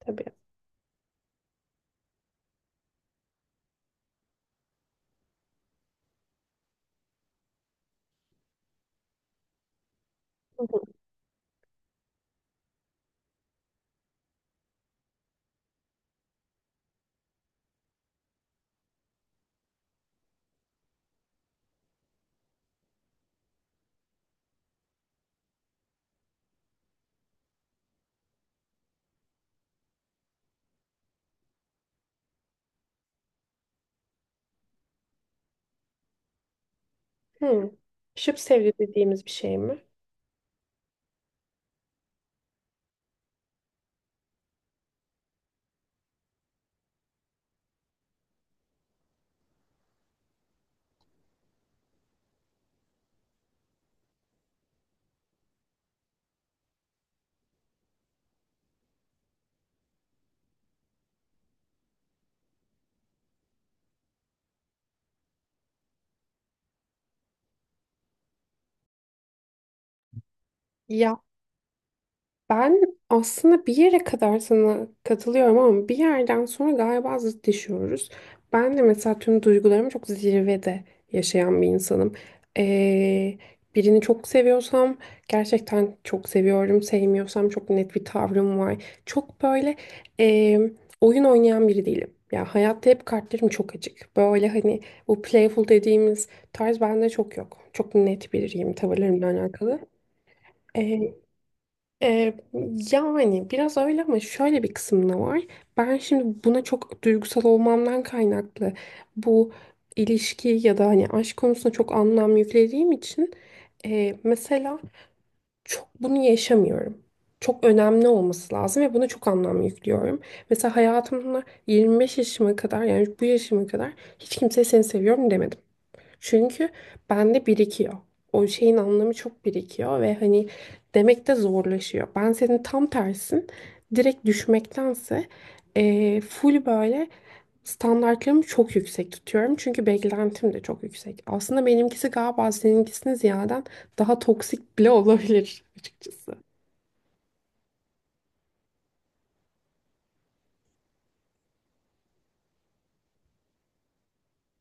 Tabii. Hı hı. Hı. Şıp sevdi dediğimiz bir şey mi? Ya. Ben aslında bir yere kadar sana katılıyorum ama bir yerden sonra galiba zıtlaşıyoruz. Ben de mesela tüm duygularımı çok zirvede yaşayan bir insanım. Ee, Birini çok seviyorsam gerçekten çok seviyorum. Sevmiyorsam çok net bir tavrım var. Çok böyle ee, oyun oynayan biri değilim. Ya hayatta hep kartlarım çok açık. Böyle hani bu playful dediğimiz tarz bende çok yok. Çok net biriyim tavırlarımla alakalı. Ee, Yani biraz öyle ama şöyle bir kısım da var. Ben şimdi buna çok duygusal olmamdan kaynaklı bu ilişki ya da hani aşk konusunda çok anlam yüklediğim için mesela çok bunu yaşamıyorum. Çok önemli olması lazım ve buna çok anlam yüklüyorum. Mesela hayatımda 25 yaşıma kadar yani bu yaşıma kadar hiç kimseye seni seviyorum demedim. Çünkü bende birikiyor. O şeyin anlamı çok birikiyor ve hani demek de zorlaşıyor. Ben senin tam tersin. Direkt düşmektense full böyle standartlarımı çok yüksek tutuyorum. Çünkü beklentim de çok yüksek. Aslında benimkisi galiba seninkisine ziyaden daha toksik bile olabilir açıkçası.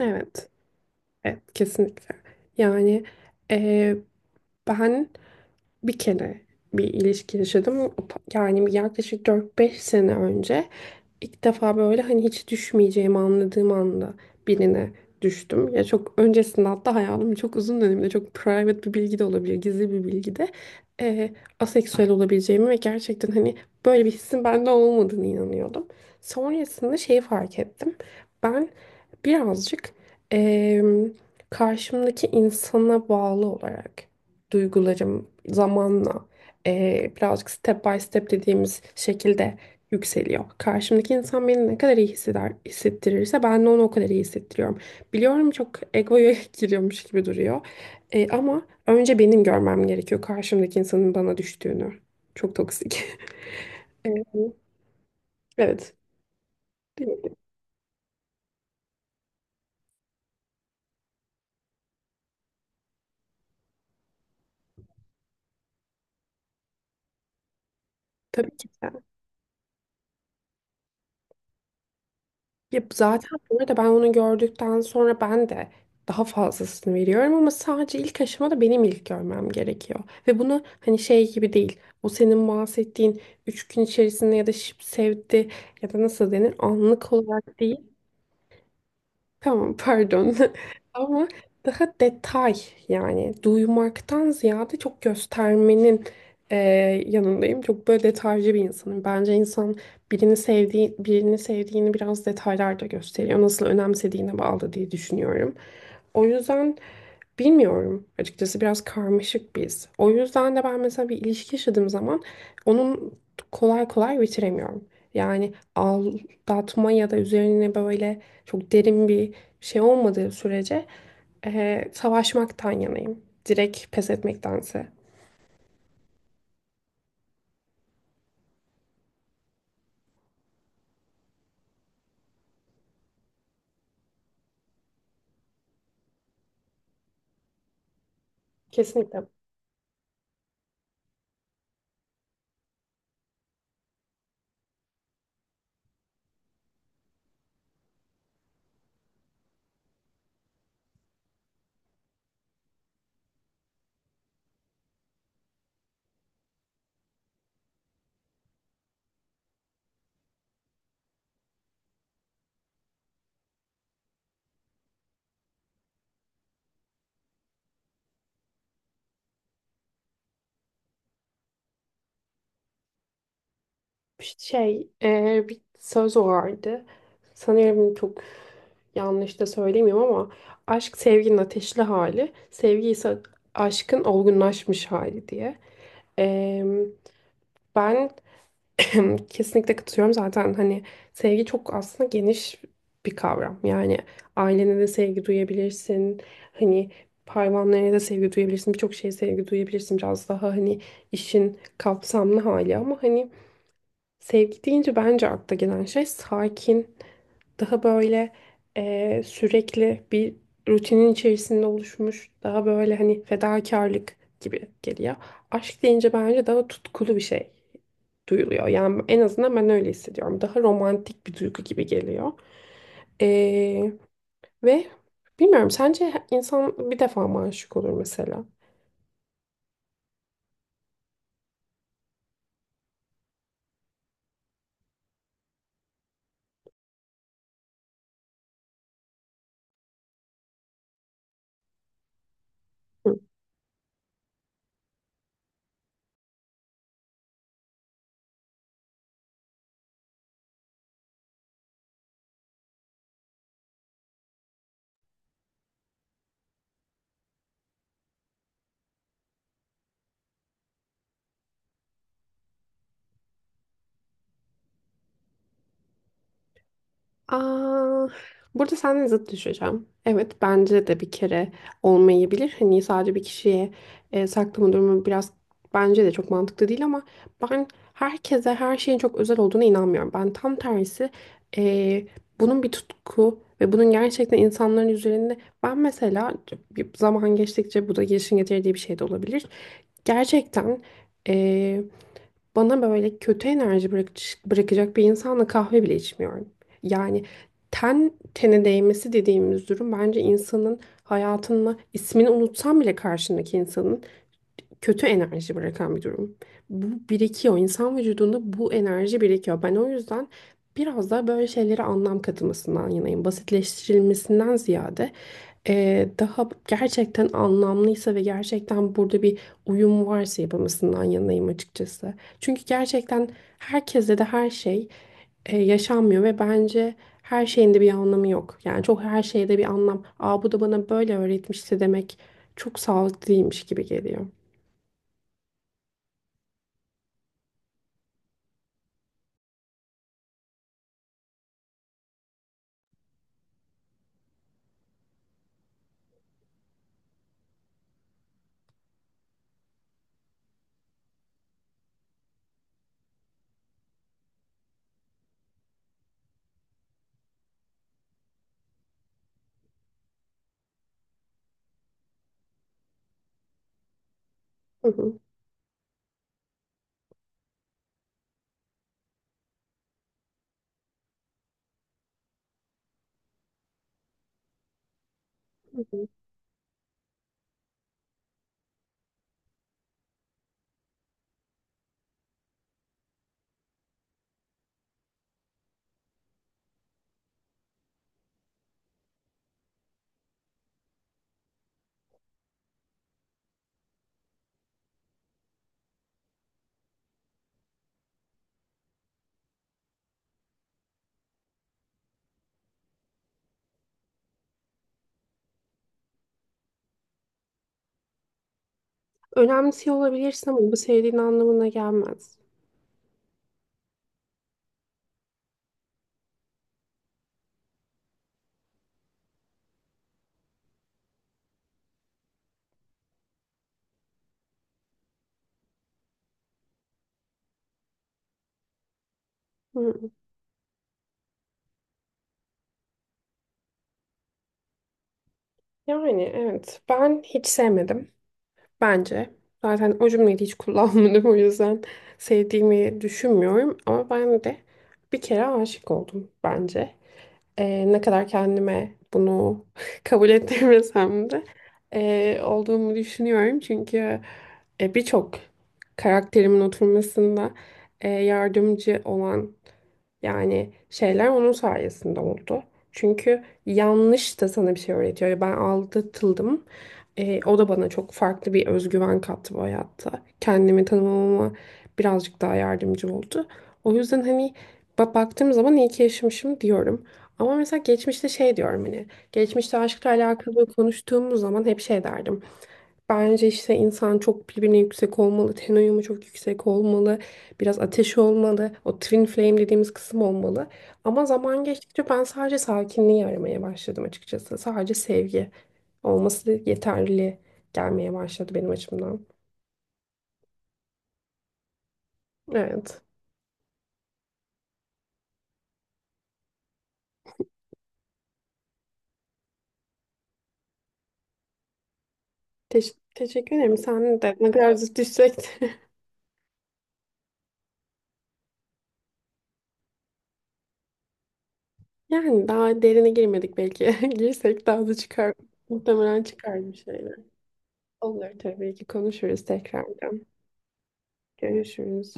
Evet, evet kesinlikle. Yani eee, ben bir kere bir ilişki yaşadım. O yani yaklaşık 4 5 sene önce ilk defa böyle hani hiç düşmeyeceğimi anladığım anda birine düştüm. Ya çok öncesinde hatta hayatımın çok uzun döneminde çok private bir bilgi de olabilir, gizli bir bilgi de eee, aseksüel olabileceğimi ve gerçekten hani böyle bir hissin bende olmadığını inanıyordum. Sonrasında şeyi fark ettim. Ben birazcık eee karşımdaki insana bağlı olarak duygularım zamanla birazcık step by step dediğimiz şekilde yükseliyor. Karşımdaki insan beni ne kadar iyi hisseder, hissettirirse ben de onu o kadar iyi hissettiriyorum. Biliyorum çok egoya giriyormuş gibi duruyor. Ama önce benim görmem gerekiyor karşımdaki insanın bana düştüğünü. Çok toksik. Eee, Evet. Değil mi? Tabii ki. Ya zaten bu arada ben onu gördükten sonra ben de daha fazlasını veriyorum ama sadece ilk aşamada benim ilk görmem gerekiyor. Ve bunu hani şey gibi değil. O senin bahsettiğin 3 gün içerisinde ya da şıp sevdi ya da nasıl denir anlık olarak değil. Tamam pardon. Ama daha detay yani duymaktan ziyade çok göstermenin e, yanındayım. Çok böyle detaycı bir insanım. Bence insan birini sevdiğini biraz detaylarda gösteriyor. Nasıl önemsediğine bağlı diye düşünüyorum. O yüzden bilmiyorum. Açıkçası biraz karmaşık biz. O yüzden de ben mesela bir ilişki yaşadığım zaman onun kolay kolay bitiremiyorum. Yani al, dağıtma ya da üzerine böyle çok derin bir şey olmadığı sürece savaşmaktan yanayım. Direkt pes etmektense. Kesinlikle. Şey, bir söz vardı. Sanıyorum çok yanlış da söylemiyorum ama aşk sevginin ateşli hali, sevgi ise aşkın olgunlaşmış hali diye. Eee, Ben kesinlikle katılıyorum zaten hani sevgi çok aslında geniş bir kavram. Yani ailene de sevgi duyabilirsin. Hani hayvanlarına da sevgi duyabilirsin. Birçok şeye sevgi duyabilirsin. Biraz daha hani işin kapsamlı hali ama hani sevgi deyince bence akla gelen şey sakin, daha böyle sürekli bir rutinin içerisinde oluşmuş, daha böyle hani fedakarlık gibi geliyor. Aşk deyince bence daha tutkulu bir şey duyuluyor. Yani en azından ben öyle hissediyorum. Daha romantik bir duygu gibi geliyor. Eee, Ve bilmiyorum sence insan bir defa mı aşık olur mesela? Hı. Aa, burada seninle zıt düşeceğim. Evet bence de bir kere olmayabilir. Hani sadece bir kişiye saklama durumu biraz bence de çok mantıklı değil ama ben herkese her şeyin çok özel olduğuna inanmıyorum. Ben tam tersi e, bunun bir tutku ve bunun gerçekten insanların üzerinde ben mesela bir zaman geçtikçe bu da gelişim getirdiği bir şey de olabilir. Gerçekten e, bana böyle kötü enerji bırakacak bir insanla kahve bile içmiyorum. Yani ten tene değmesi dediğimiz durum bence insanın hayatını, ismini unutsam bile karşındaki insanın kötü enerji bırakan bir durum. Bu birikiyor. İnsan vücudunda bu enerji birikiyor. Ben o yüzden biraz daha böyle şeylere anlam katılmasından yanayım. Basitleştirilmesinden ziyade daha gerçekten anlamlıysa ve gerçekten burada bir uyum varsa yapılmasından yanayım açıkçası. Çünkü gerçekten herkese de her şey yaşanmıyor ve bence her şeyin de bir anlamı yok. Yani çok her şeyde bir anlam. Aa bu da bana böyle öğretmişti demek çok sağlıklı değilmiş gibi geliyor. Hı hı, hı hı. Önemsiyor olabilirsin ama bu sevdiğin anlamına gelmez. Hı. Yani evet ben hiç sevmedim. Bence. Zaten o cümleyi de hiç kullanmadım. O yüzden sevdiğimi düşünmüyorum. Ama ben de bir kere aşık oldum bence. Ne kadar kendime bunu kabul ettirmesem de olduğumu düşünüyorum. Çünkü birçok karakterimin oturmasında yardımcı olan yani şeyler onun sayesinde oldu. Çünkü yanlış da sana bir şey öğretiyor. Ben aldatıldım. O da bana çok farklı bir özgüven kattı bu hayatta. Kendimi tanımamama birazcık daha yardımcı oldu. O yüzden hani baktığım zaman iyi ki yaşamışım diyorum. Ama mesela geçmişte şey diyorum hani geçmişte aşkla alakalı konuştuğumuz zaman hep şey derdim. Bence işte insan çok birbirine yüksek olmalı, ten uyumu çok yüksek olmalı, biraz ateşi olmalı, o twin flame dediğimiz kısım olmalı. Ama zaman geçtikçe ben sadece sakinliği aramaya başladım açıkçası. Sadece sevgi olması yeterli gelmeye başladı benim açımdan. Evet. Teşekkür ederim. Sen de ne kadar zıt düşsek. Yani daha derine girmedik belki. Girsek daha da çıkar. Muhtemelen çıkar bir şeyler. Olur tabii ki konuşuruz tekrardan. Görüşürüz.